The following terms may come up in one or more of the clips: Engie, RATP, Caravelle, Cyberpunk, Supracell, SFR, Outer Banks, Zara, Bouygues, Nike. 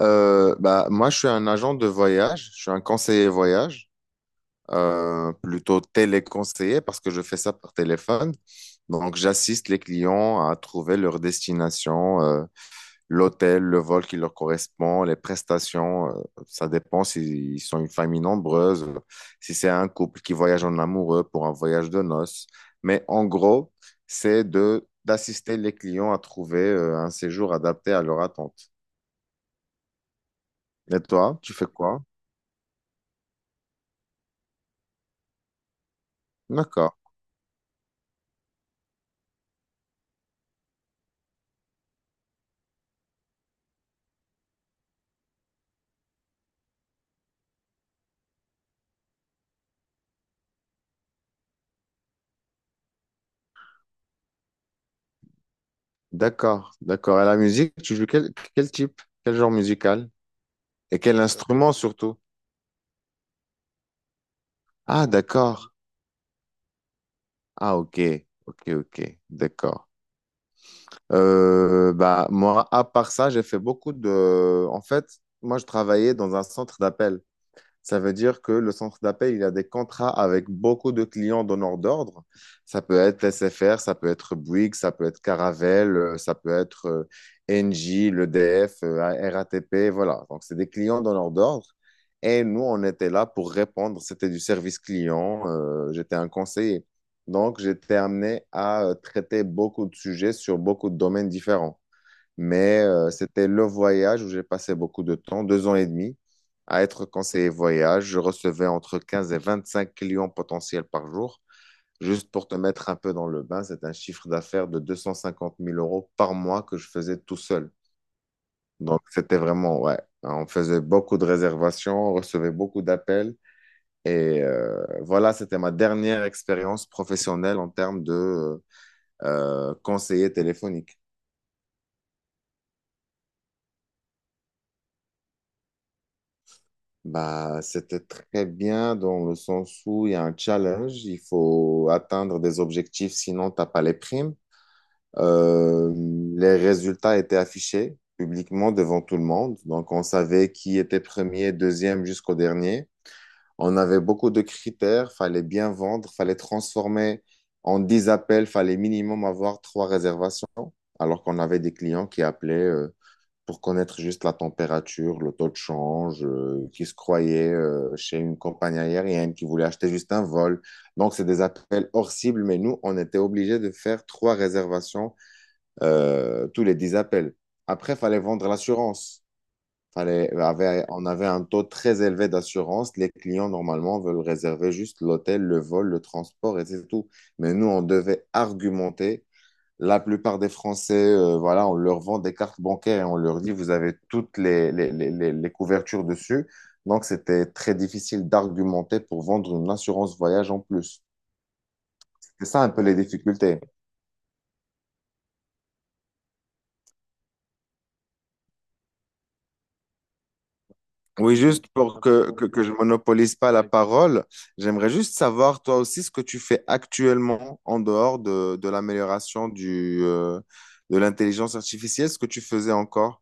Moi, je suis un agent de voyage, je suis un conseiller voyage, plutôt téléconseiller parce que je fais ça par téléphone. Donc, j'assiste les clients à trouver leur destination, l'hôtel, le vol qui leur correspond, les prestations. Ça dépend s'ils sont une famille nombreuse, si c'est un couple qui voyage en amoureux pour un voyage de noces. Mais en gros, c'est de d'assister les clients à trouver un séjour adapté à leur attente. Et toi, tu fais quoi? D'accord. D'accord, d'accord. Et la musique, tu joues quel type? Quel genre musical? Et quel instrument surtout? Ah, d'accord. Ah, ok, ok, ok, d'accord. Moi, à part ça, j'ai fait beaucoup de... En fait, moi, je travaillais dans un centre d'appel. Ça veut dire que le centre d'appel, il a des contrats avec beaucoup de clients donneurs d'ordre. Ça peut être SFR, ça peut être Bouygues, ça peut être Caravelle, ça peut être Engie, l'EDF, RATP, voilà. Donc, c'est des clients donneurs d'ordre. Et nous, on était là pour répondre. C'était du service client. J'étais un conseiller. Donc, j'étais amené à traiter beaucoup de sujets sur beaucoup de domaines différents. Mais c'était le voyage où j'ai passé beaucoup de temps, 2 ans et demi, à être conseiller voyage. Je recevais entre 15 et 25 clients potentiels par jour. Juste pour te mettre un peu dans le bain, c'est un chiffre d'affaires de 250 000 € par mois que je faisais tout seul. Donc c'était vraiment, ouais, on faisait beaucoup de réservations, on recevait beaucoup d'appels. Et voilà, c'était ma dernière expérience professionnelle en termes de conseiller téléphonique. Bah, c'était très bien dans le sens où il y a un challenge, il faut atteindre des objectifs, sinon t'as pas les primes. Euh, les résultats étaient affichés publiquement devant tout le monde, donc on savait qui était premier, deuxième jusqu'au dernier. On avait beaucoup de critères, fallait bien vendre, fallait transformer en 10 appels, fallait minimum avoir 3 réservations, alors qu'on avait des clients qui appelaient pour connaître juste la température, le taux de change, qui se croyait chez une compagnie aérienne, qui voulait acheter juste un vol. Donc, c'est des appels hors cible, mais nous, on était obligés de faire 3 réservations tous les 10 appels. Après, il fallait vendre l'assurance. On avait un taux très élevé d'assurance. Les clients, normalement, veulent réserver juste l'hôtel, le vol, le transport et c'est tout. Mais nous, on devait argumenter la plupart des Français, voilà, on leur vend des cartes bancaires, et on leur dit vous avez toutes les couvertures dessus. Donc, c'était très difficile d'argumenter pour vendre une assurance voyage en plus. C'est ça un peu les difficultés. Oui, juste pour que je monopolise pas la parole, j'aimerais juste savoir toi aussi ce que tu fais actuellement en dehors de l'amélioration du, de l'intelligence artificielle, ce que tu faisais encore.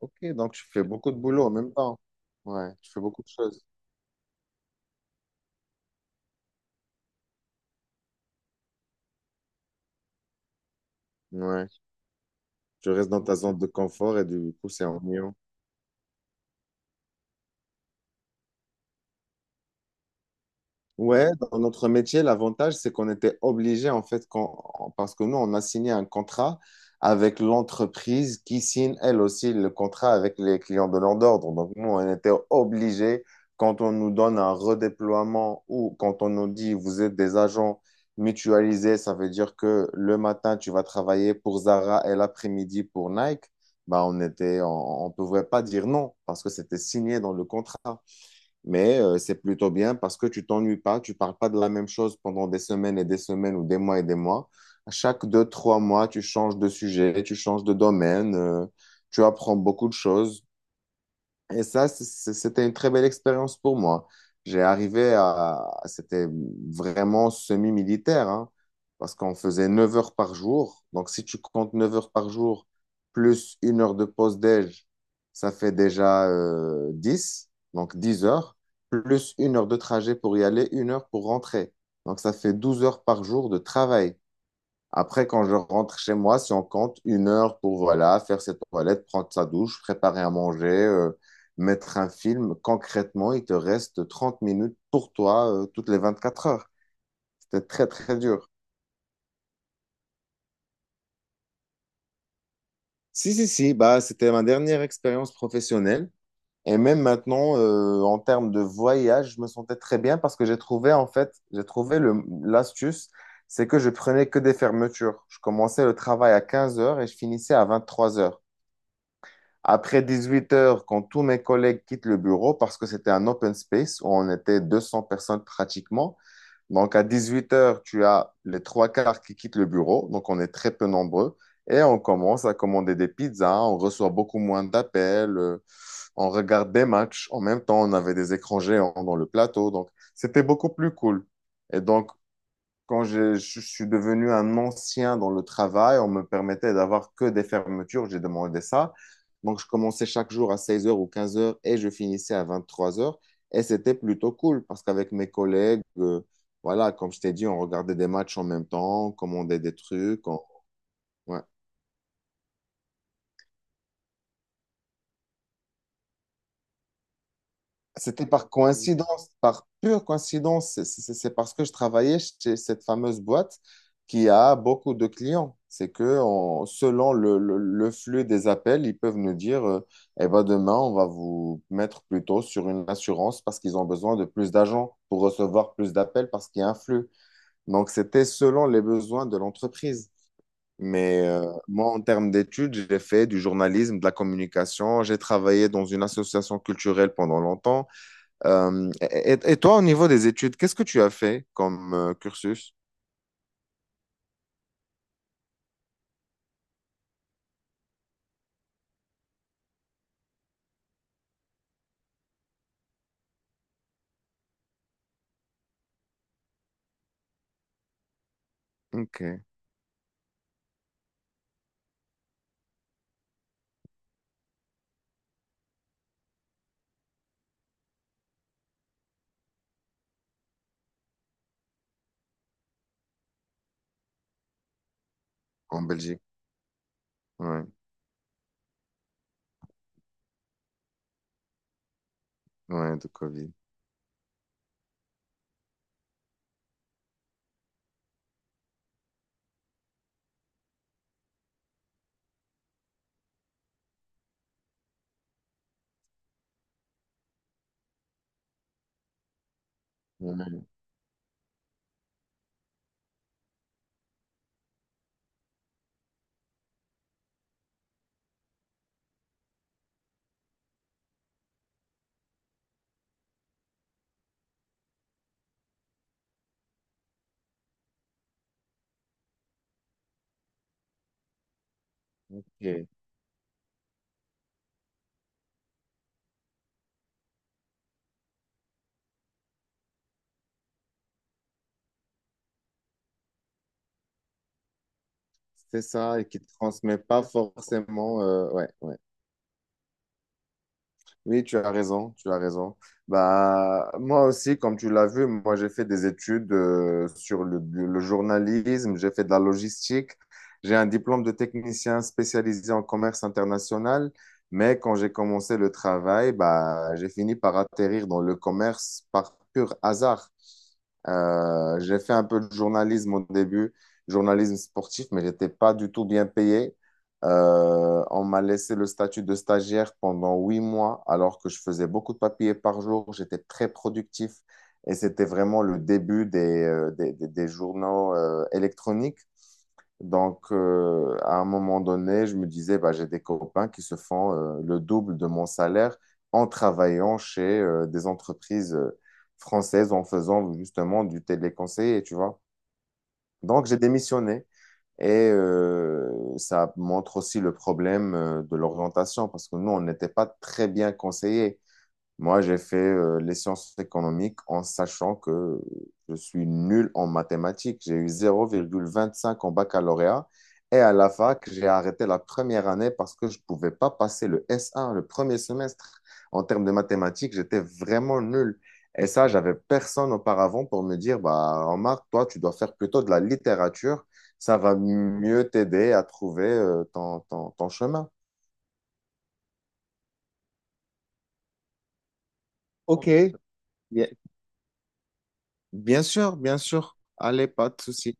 Ok, donc tu fais beaucoup de boulot en même temps. Ouais, tu fais beaucoup de choses. Ouais. Tu restes dans ta zone de confort et du coup, c'est ennuyant. Ouais, dans notre métier, l'avantage, c'est qu'on était obligé, en fait, parce que nous, on a signé un contrat avec l'entreprise qui signe, elle aussi, le contrat avec les clients de leur ordre. Donc, nous, on était obligé, quand on nous donne un redéploiement ou quand on nous dit, vous êtes des agents mutualisés, ça veut dire que le matin, tu vas travailler pour Zara et l'après-midi pour Nike. Bah, on était, on pouvait pas dire non parce que c'était signé dans le contrat. Mais c'est plutôt bien parce que tu t'ennuies pas, tu parles pas de la même chose pendant des semaines et des semaines ou des mois et des mois. À chaque deux, trois mois, tu changes de sujet, tu changes de domaine, tu apprends beaucoup de choses. Et ça, c'était une très belle expérience pour moi. J'ai arrivé à... C'était vraiment semi-militaire, hein, parce qu'on faisait 9 heures par jour. Donc, si tu comptes 9 heures par jour, plus une heure de pause déj, ça fait déjà 10, donc 10 heures, plus une heure de trajet pour y aller, une heure pour rentrer. Donc, ça fait 12 heures par jour de travail. Après, quand je rentre chez moi, si on compte une heure pour voilà, faire ses toilettes, prendre sa douche, préparer à manger, mettre un film, concrètement, il te reste 30 minutes pour toi toutes les 24 heures. C'était très, très dur. Si, si, si, bah, c'était ma dernière expérience professionnelle. Et même maintenant, en termes de voyage, je me sentais très bien parce que j'ai trouvé, en fait, j'ai trouvé l'astuce, c'est que je prenais que des fermetures. Je commençais le travail à 15 heures et je finissais à 23 heures. Après 18 heures, quand tous mes collègues quittent le bureau, parce que c'était un open space où on était 200 personnes pratiquement, donc à 18 heures, tu as les trois quarts qui quittent le bureau, donc on est très peu nombreux, et on commence à commander des pizzas, on reçoit beaucoup moins d'appels, on regarde des matchs, en même temps on avait des écrans géants dans le plateau, donc c'était beaucoup plus cool. Et donc quand je suis devenu un ancien dans le travail, on me permettait d'avoir que des fermetures, j'ai demandé ça. Donc, je commençais chaque jour à 16 heures ou 15 heures et je finissais à vingt-trois heures. Et c'était plutôt cool parce qu'avec mes collègues, voilà, comme je t'ai dit, on regardait des matchs en même temps, on commandait des trucs. Ouais. C'était par coïncidence, par pure coïncidence. C'est parce que je travaillais chez cette fameuse boîte qui a beaucoup de clients. C'est que selon le flux des appels, ils peuvent nous dire, eh ben demain, on va vous mettre plutôt sur une assurance parce qu'ils ont besoin de plus d'agents pour recevoir plus d'appels parce qu'il y a un flux. Donc, c'était selon les besoins de l'entreprise. Mais moi, en termes d'études, j'ai fait du journalisme, de la communication. J'ai travaillé dans une association culturelle pendant longtemps. Et toi, au niveau des études, qu'est-ce que tu as fait comme cursus? Ok, en Belgique. Ouais, ouais, de Covid. Ouais, ok. C'est ça, et qui ne transmet pas forcément. Ouais, ouais. Oui, tu as raison, tu as raison. Bah, moi aussi, comme tu l'as vu, moi j'ai fait des études sur le journalisme, j'ai fait de la logistique, j'ai un diplôme de technicien spécialisé en commerce international, mais quand j'ai commencé le travail, bah, j'ai fini par atterrir dans le commerce par pur hasard. J'ai fait un peu de journalisme au début, journalisme sportif, mais j'étais pas du tout bien payé. On m'a laissé le statut de stagiaire pendant 8 mois, alors que je faisais beaucoup de papiers par jour. J'étais très productif et c'était vraiment le début des, des journaux électroniques. Donc, à un moment donné, je me disais, bah, j'ai des copains qui se font le double de mon salaire en travaillant chez des entreprises françaises en faisant justement du téléconseiller, tu vois. Donc, j'ai démissionné et ça montre aussi le problème de l'orientation parce que nous, on n'était pas très bien conseillés. Moi, j'ai fait les sciences économiques en sachant que je suis nul en mathématiques. J'ai eu 0,25 en baccalauréat et à la fac, j'ai arrêté la première année parce que je ne pouvais pas passer le S1, le premier semestre. En termes de mathématiques, j'étais vraiment nul. Et ça, j'avais personne auparavant pour me dire, bah, remarque, toi, tu dois faire plutôt de la littérature. Ça va mieux t'aider à trouver ton chemin. Ok, bien bien sûr, bien sûr. Allez, pas de souci.